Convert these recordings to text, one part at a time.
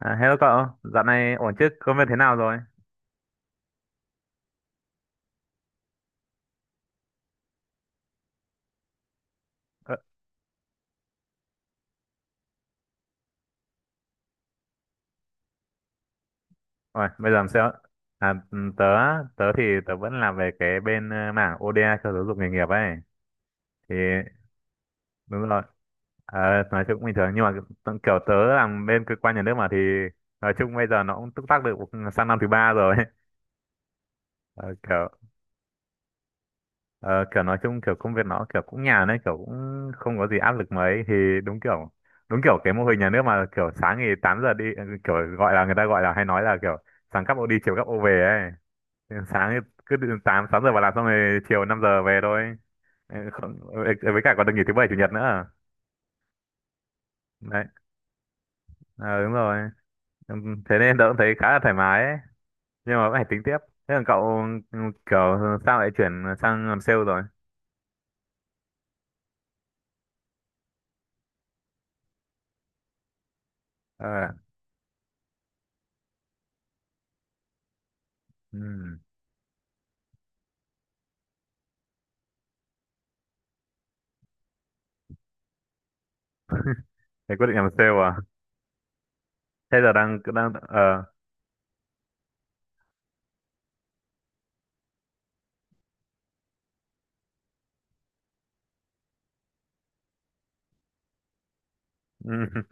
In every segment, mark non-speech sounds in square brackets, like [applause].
À, hello cậu, dạo này ổn chứ? Công việc thế nào rồi? Ờ, ôi, bây giờ làm sao? À, ừm, tớ, tớ thì tớ vẫn làm về cái bên mảng ODA cho giáo dục nghề nghiệp ấy. Thì đúng rồi. Ờ, nói chung cũng bình thường nhưng mà kiểu tớ làm bên cơ quan nhà nước mà thì nói chung bây giờ nó cũng túc tắc được sang năm thứ ba rồi. [laughs] Ờ, kiểu ờ, kiểu nói chung kiểu công việc nó kiểu cũng nhàn đấy, kiểu cũng không có gì áp lực mấy. Thì đúng kiểu, đúng kiểu cái mô hình nhà nước mà, kiểu sáng thì 8 giờ đi, kiểu gọi là, người ta gọi là hay nói là kiểu sáng cắp ô đi chiều cắp ô về ấy. Thì sáng thì cứ từ 8 6 giờ vào làm, xong rồi chiều 5 giờ về thôi. Ừ, không, ừ, ừ, với cả còn được nghỉ thứ bảy chủ nhật nữa. Đấy, ờ, đúng rồi. Ừ, thế nên tớ cũng thấy khá là thoải mái ấy, nhưng mà vẫn phải tính tiếp. Thế còn cậu, ừ, kiểu sao lại chuyển sang làm sale rồi? Ờ, ừ. Thế quyết định làm sale à? Thế giờ đang đang ờ, ừ. [laughs]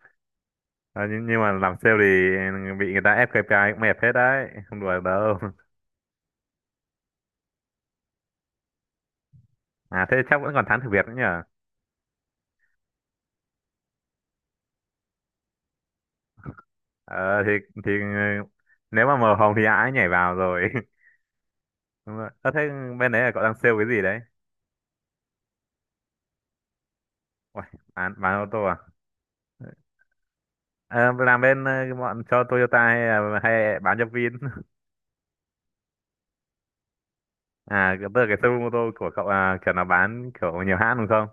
Ờ, nhưng mà làm sale thì bị người ta ép KPI cũng mệt hết đấy, không đùa đâu. À thế chắc vẫn còn thắng thử việc nữa nhở. Ờ thì nếu mà màu hồng thì ai ấy nhảy vào rồi. [laughs] Đúng rồi, ờ, thế bên đấy là cậu đang sale cái gì đấy? Uầy, bán ô tô à? Ờ, làm bên ờ, bọn cho Toyota hay là hay bán cho Vin? [laughs] À tức là cái showroom ô tô của cậu là kiểu là bán kiểu nhiều hãng đúng không?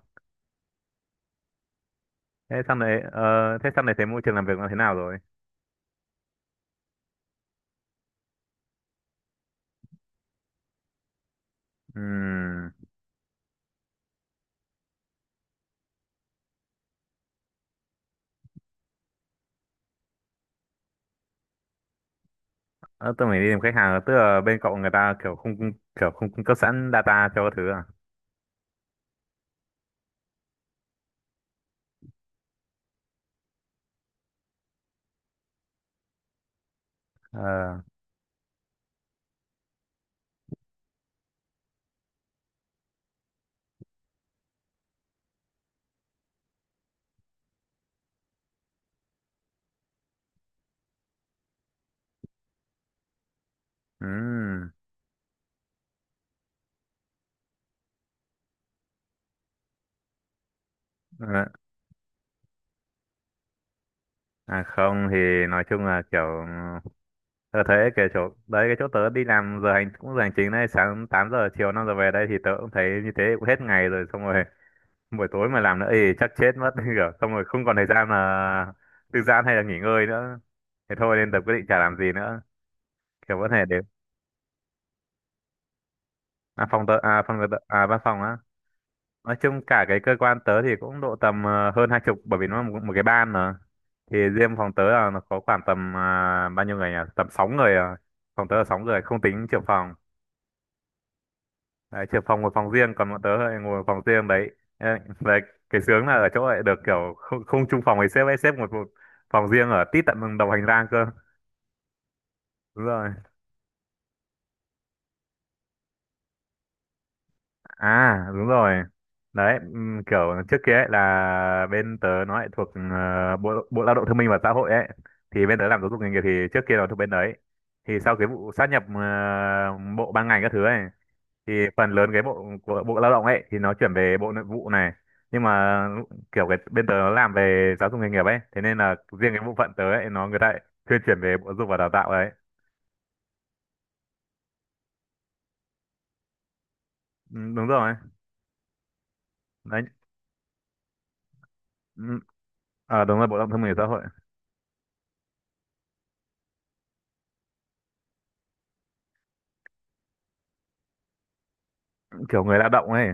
Thế sau này ờ, thế sau này thấy môi trường làm việc nó thế nào rồi? Ừm, Ờ, tôi mới đi tìm khách hàng à? Tức là bên cậu người ta kiểu không, kiểu không cung cấp sẵn data cho các thứ à? Ờ, ừm, ờ, à không thì nói chung là kiểu tôi thấy cái chỗ đấy, cái chỗ tớ đi làm giờ hành cũng giờ hành chính đấy, sáng 8 giờ chiều 5 giờ về đây, thì tớ cũng thấy như thế cũng hết ngày rồi xong rồi. [laughs] Buổi tối mà làm nữa thì chắc chết mất, [laughs] kiểu xong rồi không còn thời gian là thư giãn hay là nghỉ ngơi nữa. Thế thôi nên tớ quyết định chả làm gì nữa. Kiểu có thể đến, à, phòng tớ à, phòng tớ à, văn phòng á. Nói chung cả cái cơ quan tớ thì cũng độ tầm ờ, hơn 20 bởi vì nó là một cái ban mà. Thì riêng phòng tớ là nó có khoảng tầm à, bao nhiêu người nhỉ, tầm sáu người à. Phòng tớ là sáu người không tính trưởng phòng. Đấy, trưởng phòng ngồi phòng riêng còn bọn tớ lại ngồi phòng riêng đấy. Ê, đấy, cái sướng là ở chỗ lại được kiểu không chung phòng với sếp ấy, sếp ngồi một phòng riêng ở tít tận đồng hành lang cơ. Đúng rồi. À đúng rồi. Đấy, kiểu trước kia ấy là bên tớ nó lại thuộc ờ, Bộ Bộ Lao động Thương binh và Xã hội ấy. Thì bên tớ làm giáo dục nghề nghiệp thì trước kia nó thuộc bên đấy. Thì sau cái vụ sát nhập bộ ban ngành các thứ ấy thì phần lớn cái bộ của Bộ Lao động ấy thì nó chuyển về Bộ Nội vụ này. Nhưng mà kiểu cái bên tớ nó làm về giáo dục nghề nghiệp ấy, thế nên là riêng cái bộ phận tớ ấy nó người ta lại thuyên chuyển về Bộ Giáo dục và Đào tạo đấy. Ừ, đúng rồi. Đấy. Ừ, ờ đúng rồi, Bộ Lao động Thương binh và Xã hội. Kiểu người lao động ấy.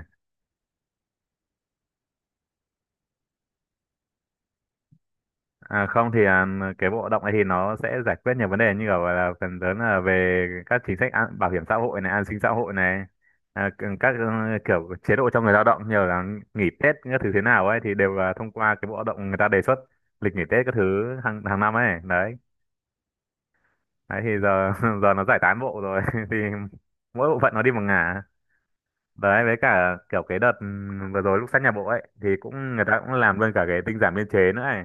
À không thì à, cái bộ động này thì nó sẽ giải quyết nhiều vấn đề như kiểu là phần lớn là về các chính sách bảo hiểm xã hội này, an sinh xã hội này, à, các kiểu chế độ cho người lao động như là nghỉ Tết các thứ thế nào ấy thì đều là thông qua cái bộ động người ta đề xuất lịch nghỉ Tết các thứ hàng hàng năm ấy đấy. Đấy thì giờ [laughs] giờ nó giải tán bộ rồi [laughs] thì mỗi bộ phận nó đi một ngả. Đấy với cả kiểu cái đợt vừa rồi lúc sát nhà bộ ấy thì cũng người ta cũng làm luôn cả cái tinh giản biên chế nữa ấy.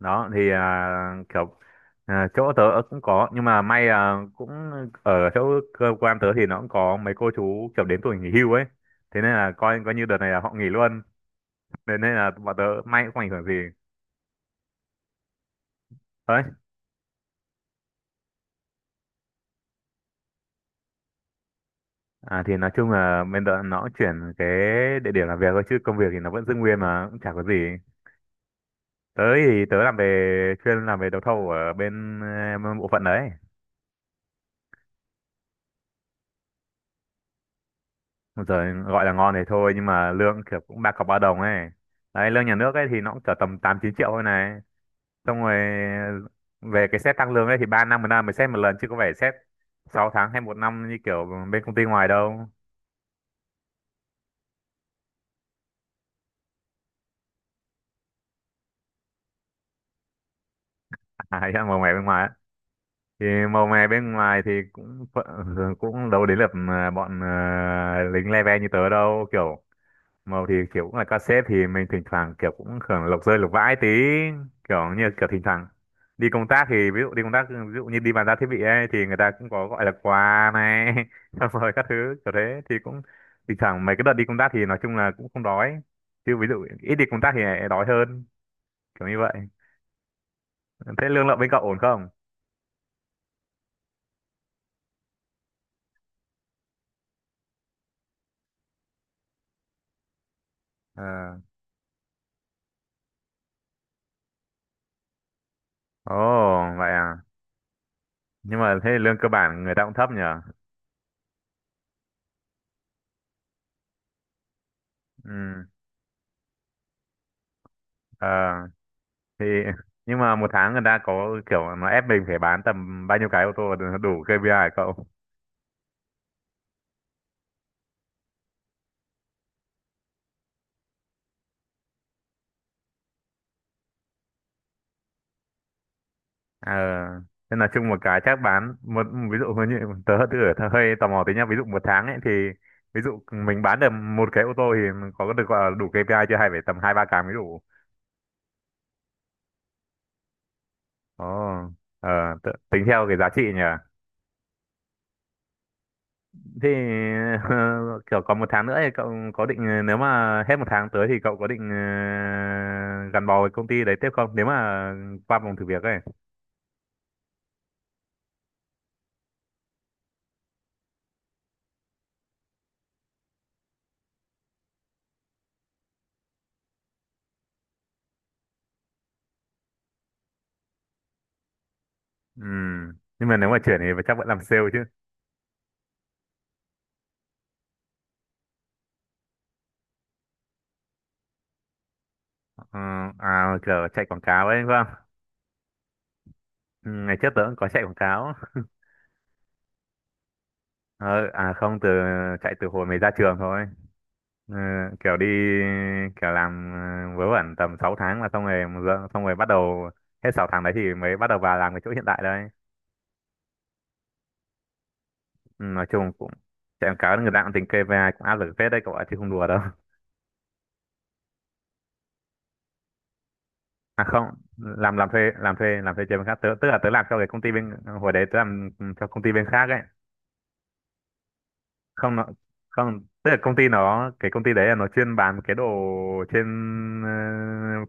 Đó thì à, kiểu à, chỗ tớ cũng có nhưng mà may là cũng ở chỗ cơ quan tớ thì nó cũng có mấy cô chú kiểu đến tuổi nghỉ hưu ấy, thế nên là coi coi như đợt này là họ nghỉ luôn, thế nên là bọn tớ may cũng không ảnh hưởng gì. Đấy, à, thì nói chung là bên tớ nó cũng chuyển cái địa điểm làm việc thôi chứ công việc thì nó vẫn giữ nguyên mà cũng chả có gì. Tớ thì tớ làm về chuyên làm về đấu thầu ở bên ờ, bộ phận đấy. Rồi gọi là ngon thì thôi nhưng mà lương kiểu cũng ba cọc ba đồng ấy. Đấy lương nhà nước ấy thì nó cũng chở tầm 8-9 triệu thôi này, xong rồi về cái xét tăng lương ấy thì ba năm một năm mới xét một lần chứ có phải xét 6 tháng hay một năm như kiểu bên công ty ngoài đâu. À, [laughs] màu mè bên ngoài á. Thì màu mè bên ngoài thì cũng cũng đâu đến lượt mà bọn ờ, lính le ve như tớ đâu. Kiểu màu thì kiểu cũng là cassette thì mình thỉnh thoảng kiểu cũng hưởng lộc rơi lộc vãi tí, kiểu như kiểu thỉnh thoảng đi công tác thì ví dụ đi công tác ví dụ như đi bàn giao thiết bị ấy thì người ta cũng có gọi là quà này [laughs] xong rồi các thứ kiểu thế thì cũng thỉnh thoảng mấy cái đợt đi công tác thì nói chung là cũng không đói, chứ ví dụ ít đi công tác thì lại đói hơn, kiểu như vậy. Thế lương lậu bên cậu ổn không? Ờ, ồ vậy à, nhưng mà thế lương cơ bản người ta cũng thấp nhỉ. Ừ, ờ thì nhưng mà một tháng người ta có kiểu nó ép mình phải bán tầm bao nhiêu cái ô tô để nó đủ KPI hả cậu? Ờ nên là chung một cái chắc bán một, ví dụ như tớ tớ hơi tò mò tí nhá, ví dụ một tháng ấy thì ví dụ mình bán được một cái ô tô thì mình có được gọi là đủ KPI chưa hay phải tầm hai ba cái mới đủ? Ồ, ờ, tính theo cái giá trị nhỉ. Thì [laughs] kiểu còn một tháng nữa thì cậu có định, nếu mà hết một tháng tới thì cậu có định ờ, gắn bó với công ty đấy tiếp không, nếu mà qua vòng thử việc ấy. Ừ. Nhưng mà nếu mà chuyển thì chắc vẫn làm sale chứ. Ờ, à, kiểu chạy quảng cáo ấy đúng không? Ừ, ngày trước tớ cũng có chạy quảng cáo. Ờ, à không, từ chạy từ hồi mới ra trường thôi. Ừ, kiểu đi, kiểu làm ờ, vớ vẩn tầm 6 tháng là xong rồi xong rồi bắt đầu hết sáu tháng đấy thì mới bắt đầu vào làm cái chỗ hiện tại đây. Ừ, nói chung cũng chạy quảng cáo người ta cũng tính KPI cũng áp lực phết đấy cậu ạ chứ không đùa đâu. [laughs] À không, làm thuê cho bên khác, tớ tức là tớ làm cho cái công ty bên, hồi đấy tớ làm cho công ty bên khác ấy. Không nó không tức là công ty nó, cái công ty đấy là nó chuyên bán cái đồ trên ờ,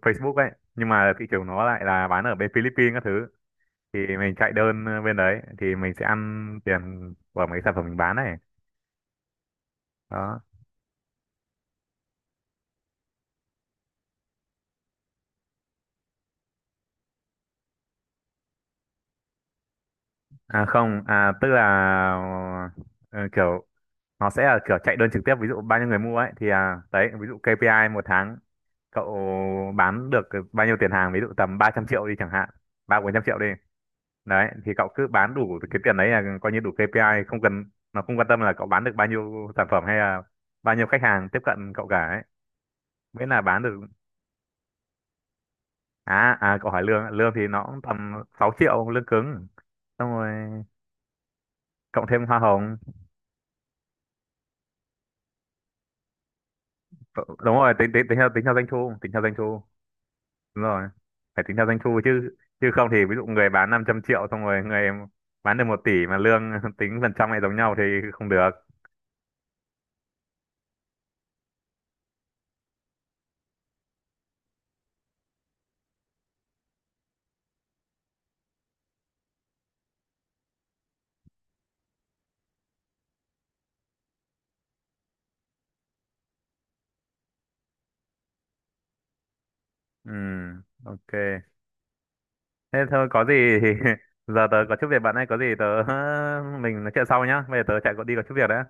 Facebook ấy nhưng mà thị trường nó lại là bán ở bên Philippines các thứ. Thì mình chạy đơn ờ, bên đấy thì mình sẽ ăn tiền của mấy sản phẩm mình bán này. Đó, à không à tức là ờ, kiểu nó sẽ là kiểu chạy đơn trực tiếp, ví dụ bao nhiêu người mua ấy thì à, đấy ví dụ KPI một tháng cậu bán được bao nhiêu tiền hàng, ví dụ tầm 300 triệu đi chẳng hạn, 3-400 triệu đi. Đấy thì cậu cứ bán đủ cái tiền đấy là coi như đủ KPI, không cần, nó không quan tâm là cậu bán được bao nhiêu sản phẩm hay là bao nhiêu khách hàng tiếp cận cậu cả ấy, miễn là bán được. À à, cậu hỏi lương ạ. Lương thì nó cũng tầm 6 triệu lương cứng, xong rồi cộng thêm hoa hồng. Đúng rồi, tính tính tính theo doanh thu, tính theo doanh thu, đúng rồi, phải tính theo doanh thu chứ, chứ không thì ví dụ người bán 500 triệu xong rồi người bán được 1 tỷ mà lương [laughs] tính phần trăm lại giống nhau thì không được. Ừ, ok. Thế thôi có gì thì [laughs] giờ tớ có chút việc bạn ấy, có gì tớ [laughs] mình nói chuyện sau nhá. Bây giờ tớ chạy có đi có chút việc đấy.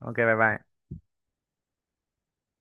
Ok bye bye.